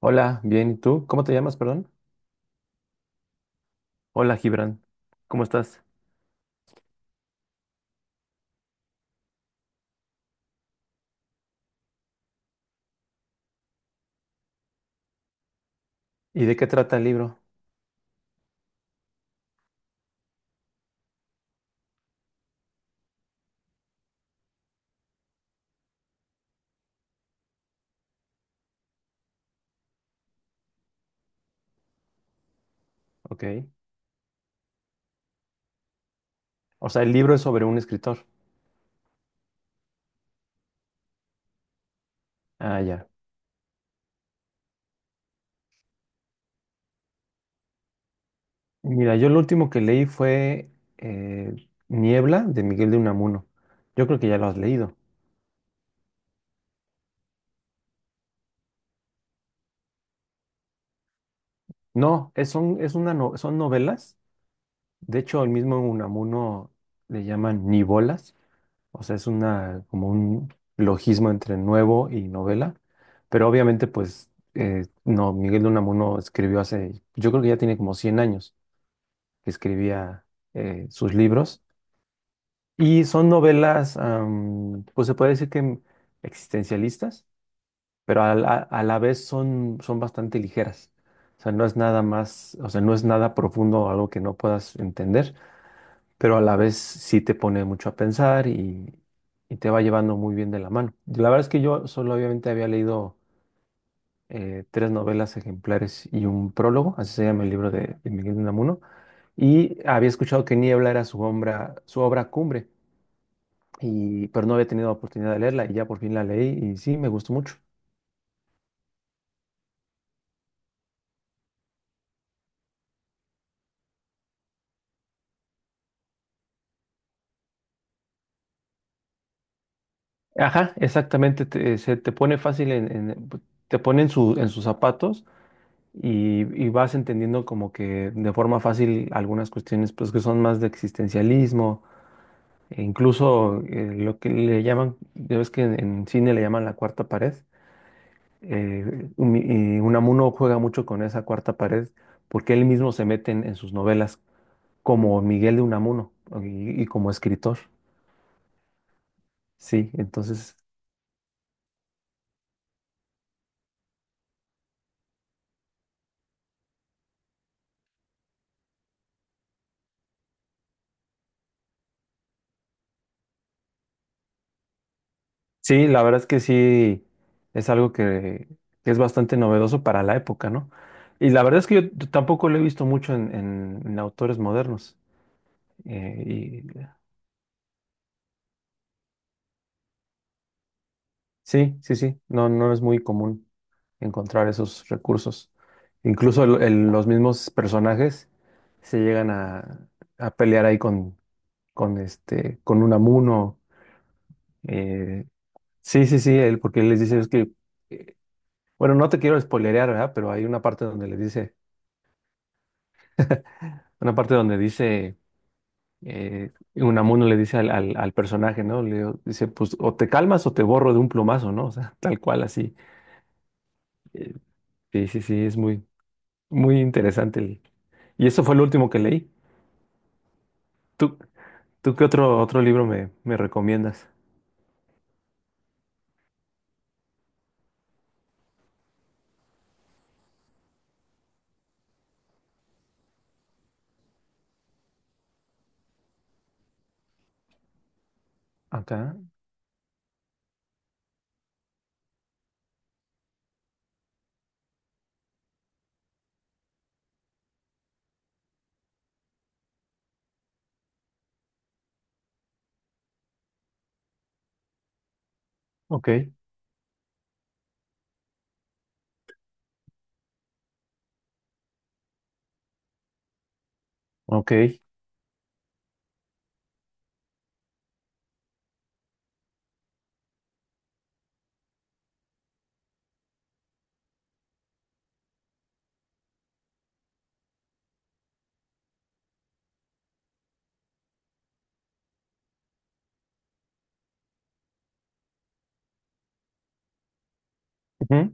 Hola, bien, ¿y tú? ¿Cómo te llamas, perdón? Hola, Gibran. ¿Cómo estás? ¿Y de qué trata el libro? Ok. O sea, el libro es sobre un escritor. Ah, ya. Mira, yo lo último que leí fue eh, Niebla de Miguel de Unamuno. Yo creo que ya lo has leído. No, es, son, es una no- son novelas. De hecho, el mismo Unamuno le llaman nivolas. O sea, es una como un logismo entre nuevo y novela, pero obviamente pues no, Miguel de Unamuno escribió hace, yo creo que ya tiene como 100 años que escribía sus libros y son novelas, pues se puede decir que existencialistas, pero a la vez son bastante ligeras. O sea, no es nada más, o sea, no es nada profundo o algo que no puedas entender, pero a la vez sí te pone mucho a pensar y te va llevando muy bien de la mano. La verdad es que yo solo obviamente había leído Tres novelas ejemplares y un prólogo, así se llama el libro de Miguel de Unamuno, y había escuchado que Niebla era su obra cumbre, y pero no había tenido oportunidad de leerla y ya por fin la leí y sí, me gustó mucho. Ajá, exactamente, se te pone fácil te pone en sus zapatos, y vas entendiendo como que de forma fácil algunas cuestiones, pues, que son más de existencialismo, e incluso lo que le llaman, ya ves que en cine le llaman la cuarta pared. Y Unamuno juega mucho con esa cuarta pared porque él mismo se mete en sus novelas como Miguel de Unamuno, y como escritor, sí, entonces. Sí, la verdad es que sí, es algo que es bastante novedoso para la época, ¿no? Y la verdad es que yo tampoco lo he visto mucho en autores modernos. Y sí, sí, sí, no, no es muy común encontrar esos recursos. Incluso los mismos personajes se llegan a pelear ahí con Unamuno. eh, sí, sí, sí, porque él les dice es que, eh, bueno, no te quiero spoilerear, ¿verdad? Pero hay una parte donde les dice. Una parte donde dice, Unamuno le dice al personaje, ¿no? Dice, pues o te calmas o te borro de un plumazo, ¿no? O sea, tal cual así. Eh, sí, sí, sí, es muy, muy interesante. Y eso fue el último que leí. ¿Tú, tú qué otro libro me recomiendas? Acá. Ok, ok. Ujú,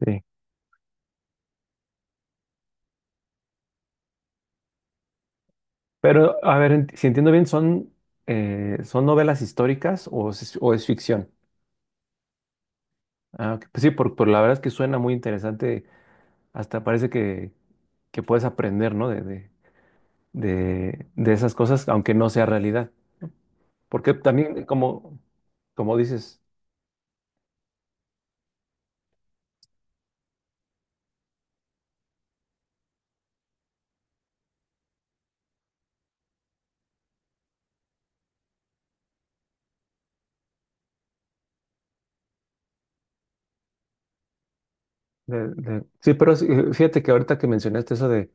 sí. Pero, a ver, si entiendo bien, ¿son novelas históricas o es ficción? Ah, ok. Pues sí, por la verdad es que suena muy interesante. Hasta parece que puedes aprender, ¿no? De esas cosas, aunque no sea realidad. Porque también, como dices, sí, pero sí, fíjate que ahorita que mencionaste eso de,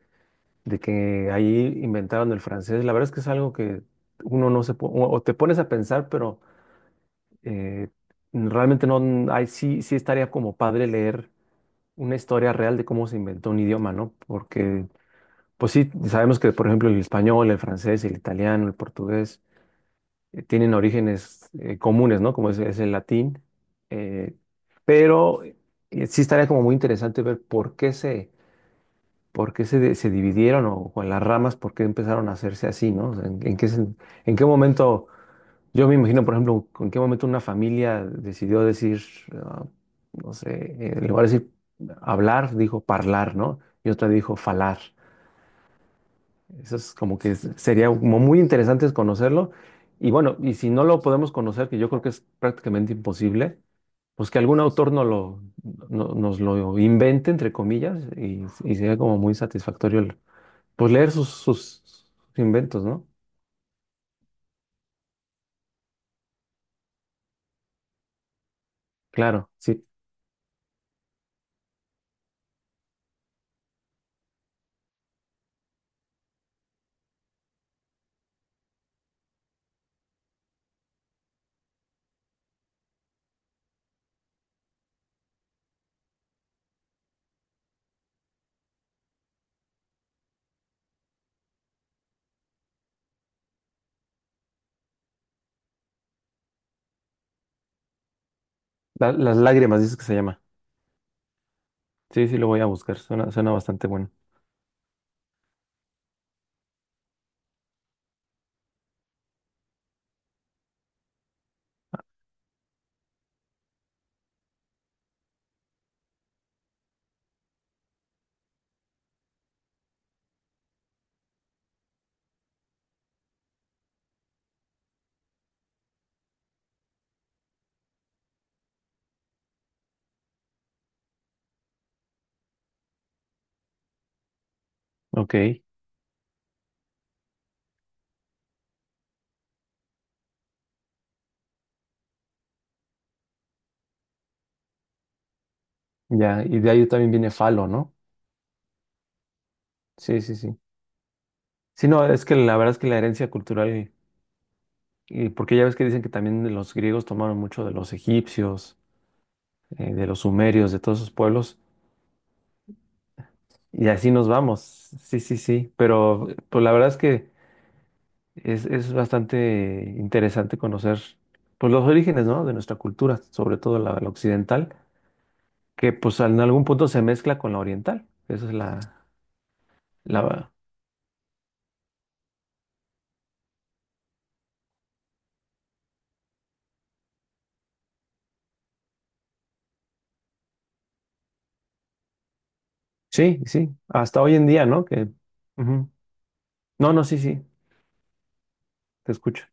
de que ahí inventaron el francés, la verdad es que es algo que uno no se, o te pones a pensar, pero eh, realmente no, ahí sí, sí estaría como padre leer una historia real de cómo se inventó un idioma, ¿no? Porque, pues sí, sabemos que, por ejemplo, el español, el francés, el italiano, el portugués tienen orígenes comunes, ¿no? Como es el latín. eh, pero sí estaría como muy interesante ver por qué se dividieron o en las ramas, por qué empezaron a hacerse así, ¿no? O sea, en qué momento, yo me imagino, por ejemplo, en qué momento una familia decidió decir, ah, no sé, en lugar de decir hablar, dijo parlar, ¿no? Y otra dijo falar. Eso es como que sería como muy interesante es conocerlo. Y bueno, y si no lo podemos conocer, que yo creo que es prácticamente imposible, pues que algún autor no lo, no- nos lo invente, entre comillas, y sería como muy satisfactorio pues leer sus inventos, ¿no? Claro, sí. Las lágrimas, dices que se llama. Sí, sí, lo voy a buscar. Suena bastante bueno. Ok, ya. Y de ahí también viene Falo, ¿no? Sí, sí, sí. Sí, no, es que la verdad es que la herencia cultural. Y porque ya ves que dicen que también los griegos tomaron mucho de los egipcios, de los sumerios, de todos esos pueblos, y así nos vamos. Sí, sí, sí, pero pues la verdad es que es bastante interesante conocer, pues, los orígenes, ¿no?, de nuestra cultura, sobre todo la occidental, que pues en algún punto se mezcla con la oriental. Esa es la. Sí, sí, hasta hoy en día, ¿no? Que. Ujú. No, no, sí, sí, te escucho.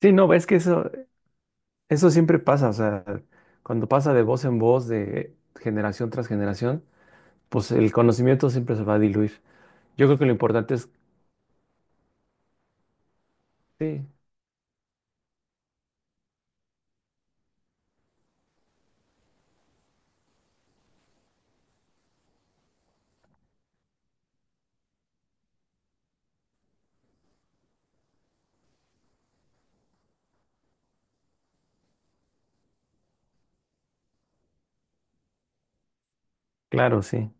Sí, no, es que eso siempre pasa, o sea, cuando pasa de voz en voz, de generación tras generación, pues el conocimiento siempre se va a diluir. Yo creo que lo importante es, sí, claro, sí.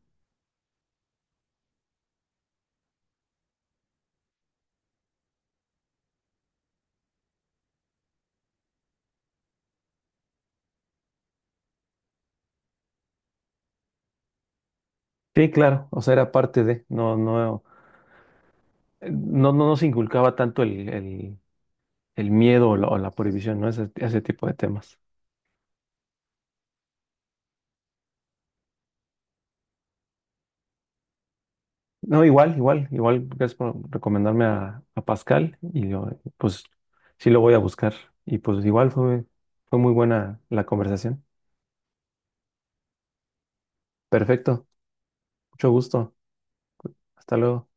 Sí, claro, o sea, era parte de, no, no, no, no nos inculcaba tanto el miedo o la prohibición, ¿no? Ese tipo de temas. No, igual, igual, igual, gracias por recomendarme a Pascal y yo, pues sí lo voy a buscar. Y pues igual fue muy buena la conversación. Perfecto, mucho gusto. Hasta luego.